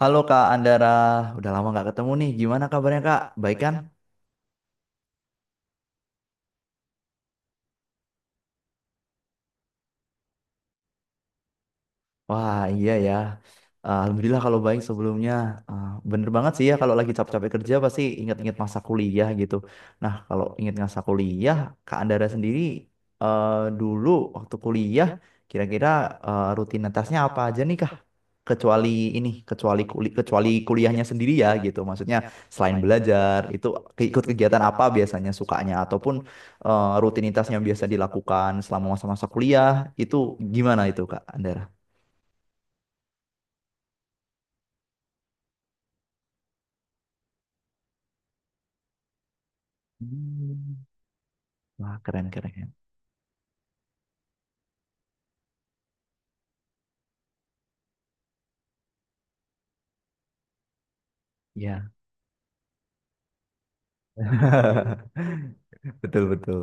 Halo Kak Andara, udah lama nggak ketemu nih. Gimana kabarnya Kak? Baik kan? Wah iya ya. Alhamdulillah kalau baik sebelumnya. Ah, bener banget sih ya kalau lagi capek-capek kerja pasti ingat-ingat masa kuliah gitu. Nah kalau ingat masa kuliah, Kak Andara sendiri eh, dulu waktu kuliah kira-kira rutinitasnya apa aja nih Kak? kecuali kecuali kuliahnya sendiri ya gitu maksudnya selain belajar itu ikut kegiatan apa biasanya sukanya ataupun rutinitas yang biasa dilakukan selama masa-masa kuliah itu gimana itu Kak Andara? Hmm. Wah keren keren ya. Betul betul.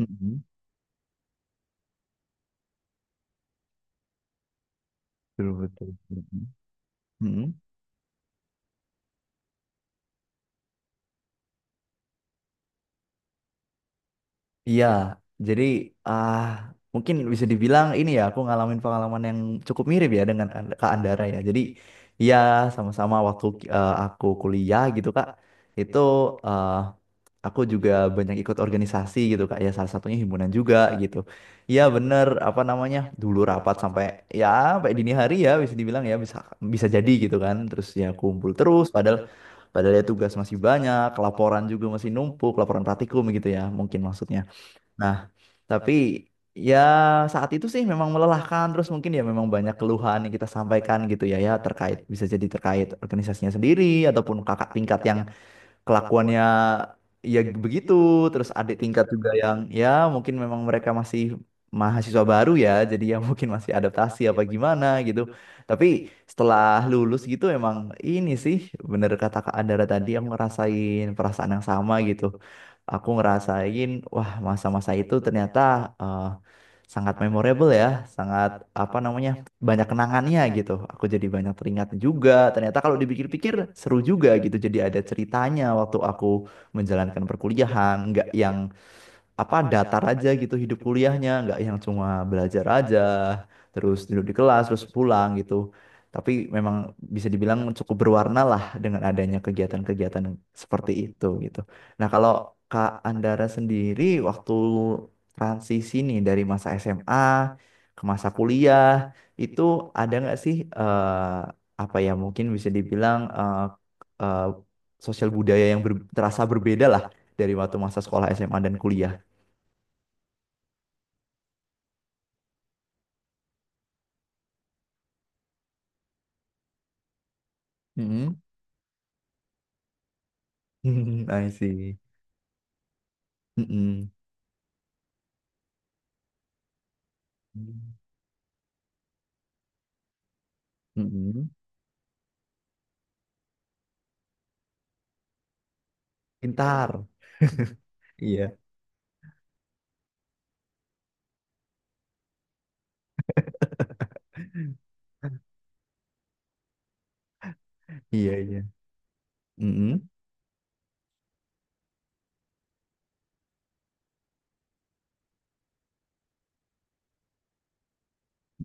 Mm-mm. Betul betul. Mm-mm. Mm-mm. Iya, jadi ah mungkin bisa dibilang ini ya aku ngalamin pengalaman yang cukup mirip ya dengan Kak Andara ya. Jadi iya sama-sama waktu aku kuliah gitu Kak, itu eh, aku juga banyak ikut organisasi gitu Kak. Ya salah satunya himpunan juga gitu. Iya bener apa namanya dulu rapat sampai ya sampai dini hari ya bisa dibilang ya bisa bisa jadi gitu kan. Terus ya kumpul terus padahal Padahal ya tugas masih banyak, laporan juga masih numpuk, laporan praktikum gitu ya, mungkin maksudnya. Nah, tapi ya saat itu sih memang melelahkan terus mungkin ya memang banyak keluhan yang kita sampaikan gitu ya terkait bisa jadi terkait organisasinya sendiri ataupun kakak tingkat yang kelakuannya ya begitu terus adik tingkat juga yang ya mungkin memang mereka masih mahasiswa baru ya jadi ya mungkin masih adaptasi apa gimana gitu tapi setelah lulus gitu emang ini sih bener kata Kak Andara tadi yang ngerasain perasaan yang sama gitu aku ngerasain wah masa-masa itu ternyata eh, sangat memorable ya sangat apa namanya banyak kenangannya gitu. Aku jadi banyak teringat juga. Ternyata kalau dipikir-pikir seru juga gitu. Jadi ada ceritanya waktu aku menjalankan perkuliahan, nggak yang apa datar aja gitu hidup kuliahnya nggak yang cuma belajar aja terus duduk di kelas terus pulang gitu tapi memang bisa dibilang cukup berwarna lah dengan adanya kegiatan-kegiatan seperti itu gitu. Nah kalau Kak Andara sendiri waktu transisi nih dari masa SMA ke masa kuliah itu ada nggak sih apa ya mungkin bisa dibilang eh, sosial budaya yang terasa berbeda lah dari waktu masa sekolah SMA dan kuliah. Mm-mm. I see. Mm-mm. Mm-mm. Pintar. Iya. Iya, iya. Mm-mm.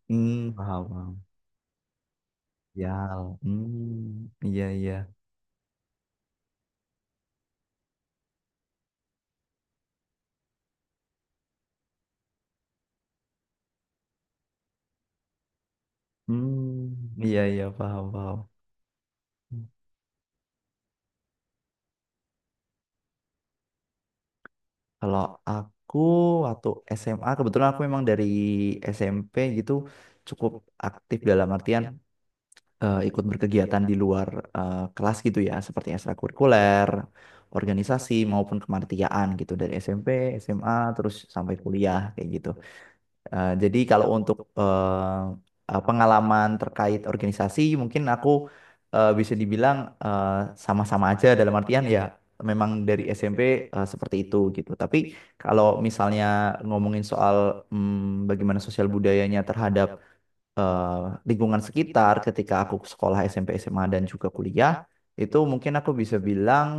Mm, paham, paham. Ya. Mm, iya, iya. Hmm, iya, iya, paham, paham. Kalau aku waktu SMA, kebetulan aku memang dari SMP gitu cukup aktif dalam artian ikut berkegiatan di luar kelas gitu ya, seperti ekstrakurikuler, organisasi maupun kemanitiaan gitu dari SMP, SMA terus sampai kuliah kayak gitu. Jadi kalau untuk pengalaman terkait organisasi mungkin aku bisa dibilang eh, sama-sama aja dalam artian ya memang dari SMP seperti itu gitu. Tapi kalau misalnya ngomongin soal bagaimana sosial budayanya terhadap eh, lingkungan sekitar ketika aku sekolah SMP SMA dan juga kuliah itu mungkin aku bisa bilang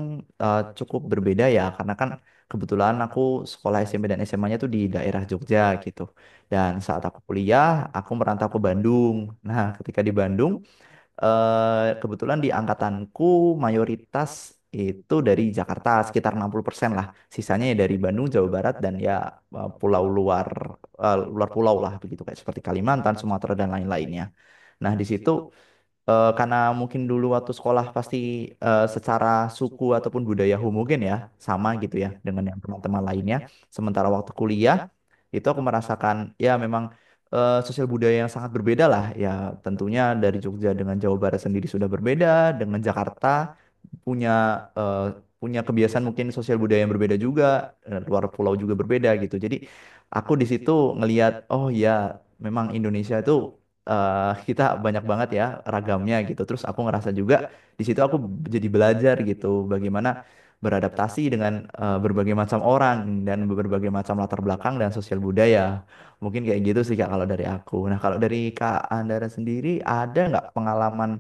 cukup berbeda ya karena kan kebetulan aku sekolah SMP dan SMA-nya tuh di daerah Jogja gitu dan saat aku kuliah aku merantau ke Bandung. Nah ketika di Bandung kebetulan di angkatanku mayoritas itu dari Jakarta sekitar 60% lah. Sisanya ya dari Bandung, Jawa Barat dan ya eh, pulau luar luar pulau lah begitu kayak seperti Kalimantan, Sumatera dan lain-lainnya. Nah, di situ karena mungkin dulu waktu sekolah pasti secara suku ataupun budaya mungkin ya sama gitu ya dengan yang teman-teman lainnya. Sementara waktu kuliah itu aku merasakan ya memang sosial budaya yang sangat berbeda lah ya tentunya dari Jogja dengan Jawa Barat sendiri sudah berbeda dengan Jakarta punya eh, punya kebiasaan mungkin sosial budaya yang berbeda juga, luar pulau juga berbeda gitu. Jadi aku di situ ngelihat oh ya memang Indonesia itu kita banyak banget ya ragamnya gitu. Terus aku ngerasa juga di situ aku jadi belajar gitu bagaimana beradaptasi dengan berbagai macam orang dan berbagai macam latar belakang dan sosial budaya. Mungkin kayak gitu sih Kak kalau dari aku. Nah, kalau dari Kak Andara sendiri ada nggak pengalaman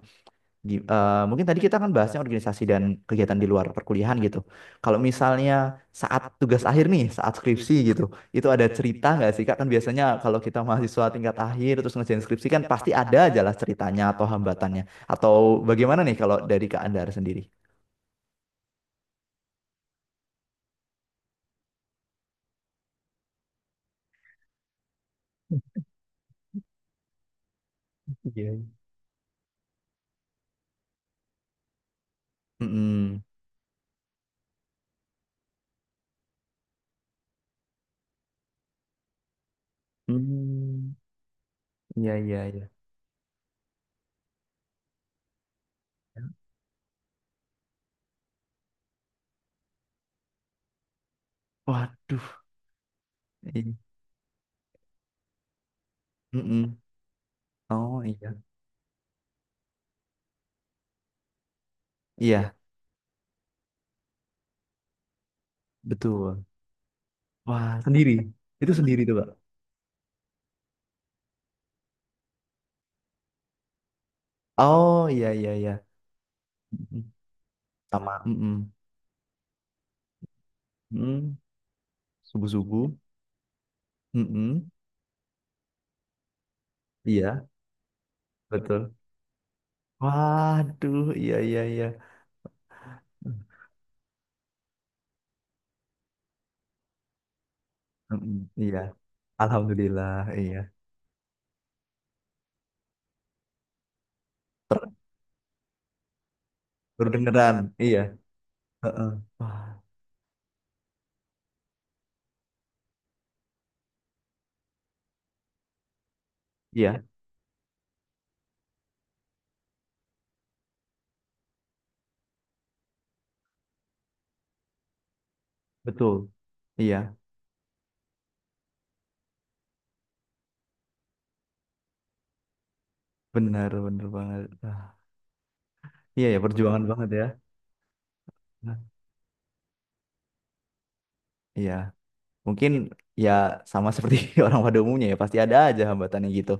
mungkin tadi kita kan bahasnya organisasi dan kegiatan di luar perkuliahan gitu. Kalau misalnya saat tugas akhir nih, saat skripsi gitu, itu ada cerita nggak sih Kak? Kan biasanya kalau kita mahasiswa tingkat akhir terus ngerjain skripsi kan pasti ada aja lah ceritanya atau hambatannya. Atau bagaimana nih kalau dari Kak Andar sendiri? Iya. Iya. Mm-mm. Hmm, iya, iya, iya. Waduh. Iya. Mm-mm. Oh iya. Iya, betul. Wah, sendiri. Itu sendiri tuh, Kak. Oh iya, iya, iya. Sama, mm-mm. Mm, subuh-subuh. Mm-mm. Iya, betul. Waduh, iya, iya, iya. Mm-mm, iya, alhamdulillah, iya. Ter berdengeran, iya. Heeh. Wah, iya, betul. Iya, benar, benar banget. Ah, iya ya, perjuangan banget ya. Nah, iya, mungkin ya sama seperti orang pada umumnya ya, pasti ada aja hambatannya gitu.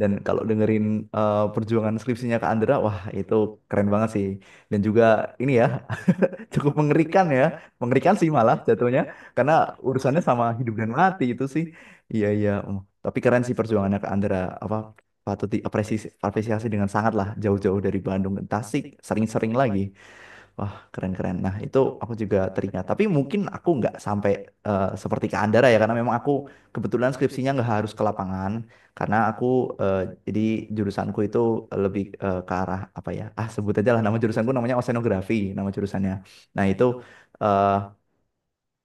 Dan kalau dengerin perjuangan skripsinya Kak Andra, wah itu keren banget sih. Dan juga ini ya, cukup mengerikan ya. Mengerikan sih malah jatuhnya karena urusannya sama hidup dan mati itu sih. Iya iya. Mm. Tapi keren sih perjuangannya ke Andra apa patut diapresiasi apresiasi dengan sangat lah jauh-jauh dari Bandung ke Tasik sering-sering lagi. Wah, keren-keren. Nah, itu aku juga teringat. Tapi mungkin aku nggak sampai seperti ke Andara ya, karena memang aku kebetulan skripsinya nggak harus ke lapangan. Karena aku, eh, jadi jurusanku itu lebih ke arah, apa ya, sebut aja lah nama jurusanku namanya oseanografi, nama jurusannya. Nah, itu eh,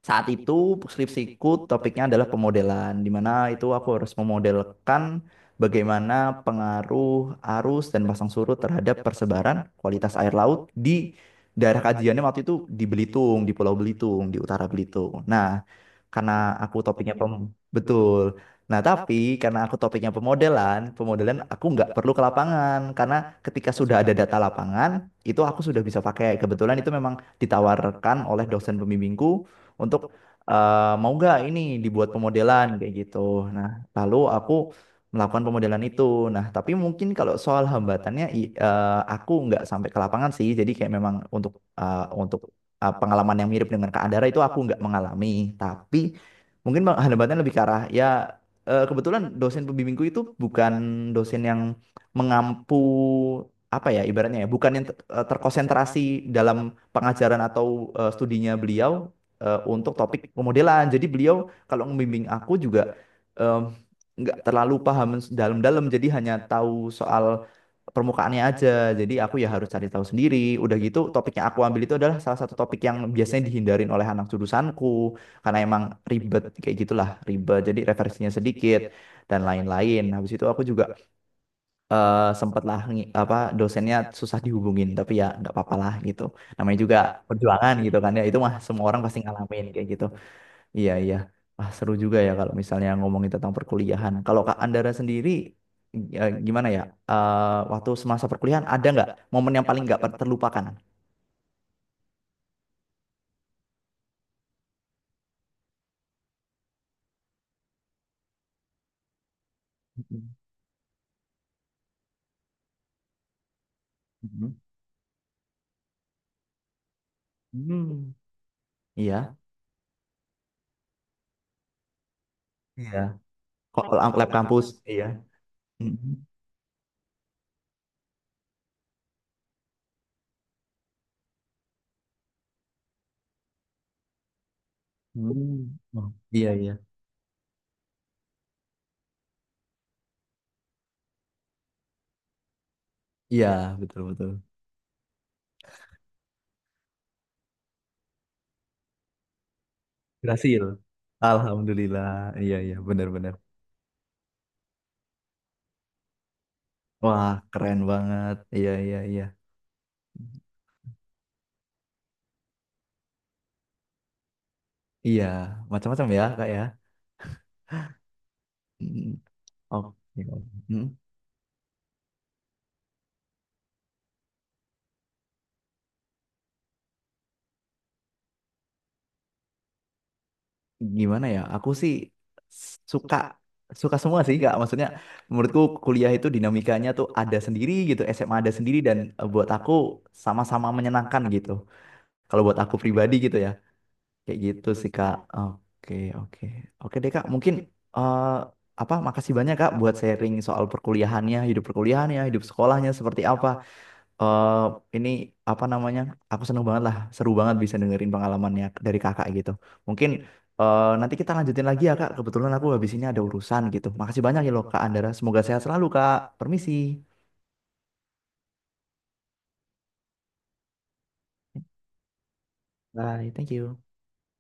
saat itu skripsiku topiknya adalah pemodelan, di mana itu aku harus memodelkan bagaimana pengaruh arus dan pasang surut terhadap persebaran kualitas air laut di daerah kajiannya waktu itu di Belitung, di Pulau Belitung, di utara Belitung. Nah, karena aku topiknya betul. Nah, tapi karena aku topiknya pemodelan, pemodelan aku nggak perlu ke lapangan karena ketika sudah ada data lapangan, itu aku sudah bisa pakai. Kebetulan itu memang ditawarkan oleh dosen pembimbingku untuk mau nggak ini dibuat pemodelan kayak gitu. Nah, lalu aku melakukan pemodelan itu. Nah, tapi mungkin kalau soal hambatannya aku nggak sampai ke lapangan sih. Jadi kayak memang untuk eh, untuk pengalaman yang mirip dengan Kak Andara itu aku nggak mengalami. Tapi mungkin hambatannya lebih ke arah ya kebetulan dosen pembimbingku itu bukan dosen yang mengampu apa ya ibaratnya ya bukan yang terkonsentrasi dalam pengajaran atau studinya beliau untuk topik pemodelan. Jadi beliau kalau membimbing aku juga em, nggak terlalu paham dalam-dalam, jadi hanya tahu soal permukaannya aja. Jadi aku ya harus cari tahu sendiri. Udah gitu topik yang aku ambil itu adalah salah satu topik yang biasanya dihindarin oleh anak jurusanku karena emang ribet kayak gitulah, ribet. Jadi referensinya sedikit dan lain-lain. Habis itu aku juga sempatlah apa dosennya susah dihubungin tapi ya nggak apa-apa lah gitu namanya juga perjuangan gitu kan ya itu mah semua orang pasti ngalamin kayak gitu. Iya iya wah seru juga ya kalau misalnya ngomongin tentang perkuliahan kalau Kak Andara sendiri gimana ya. Waktu semasa perkuliahan ada nggak momen yang paling nggak terlupakan. Mhm. Mhm. Hmm. Iya iya kok lab kampus iya. Mhm. Hmm. Oh, iya, iya. Iya, betul, betul. Berhasil. Alhamdulillah. Iya, iya, benar-benar. Wah, keren banget. Iya, iya, iya. Iya, macam-macam ya, Kak ya. Mm, oke. Mm, gimana ya? Aku sih suka suka semua sih, Kak. Maksudnya menurutku kuliah itu dinamikanya tuh ada sendiri gitu, SMA ada sendiri dan buat aku sama-sama menyenangkan gitu. Kalau buat aku pribadi gitu ya. Kayak gitu sih Kak. Oke, oke. Oke deh Kak, mungkin eh apa makasih banyak Kak buat sharing soal perkuliahannya, hidup sekolahnya seperti apa. Eh ini apa namanya? Aku seneng banget lah, seru banget bisa dengerin pengalamannya dari Kakak gitu. Mungkin nanti kita lanjutin lagi ya Kak. Kebetulan aku habis ini ada urusan gitu. Makasih banyak ya loh Kak Andara. Semoga sehat selalu Kak. Permisi. Bye, thank you.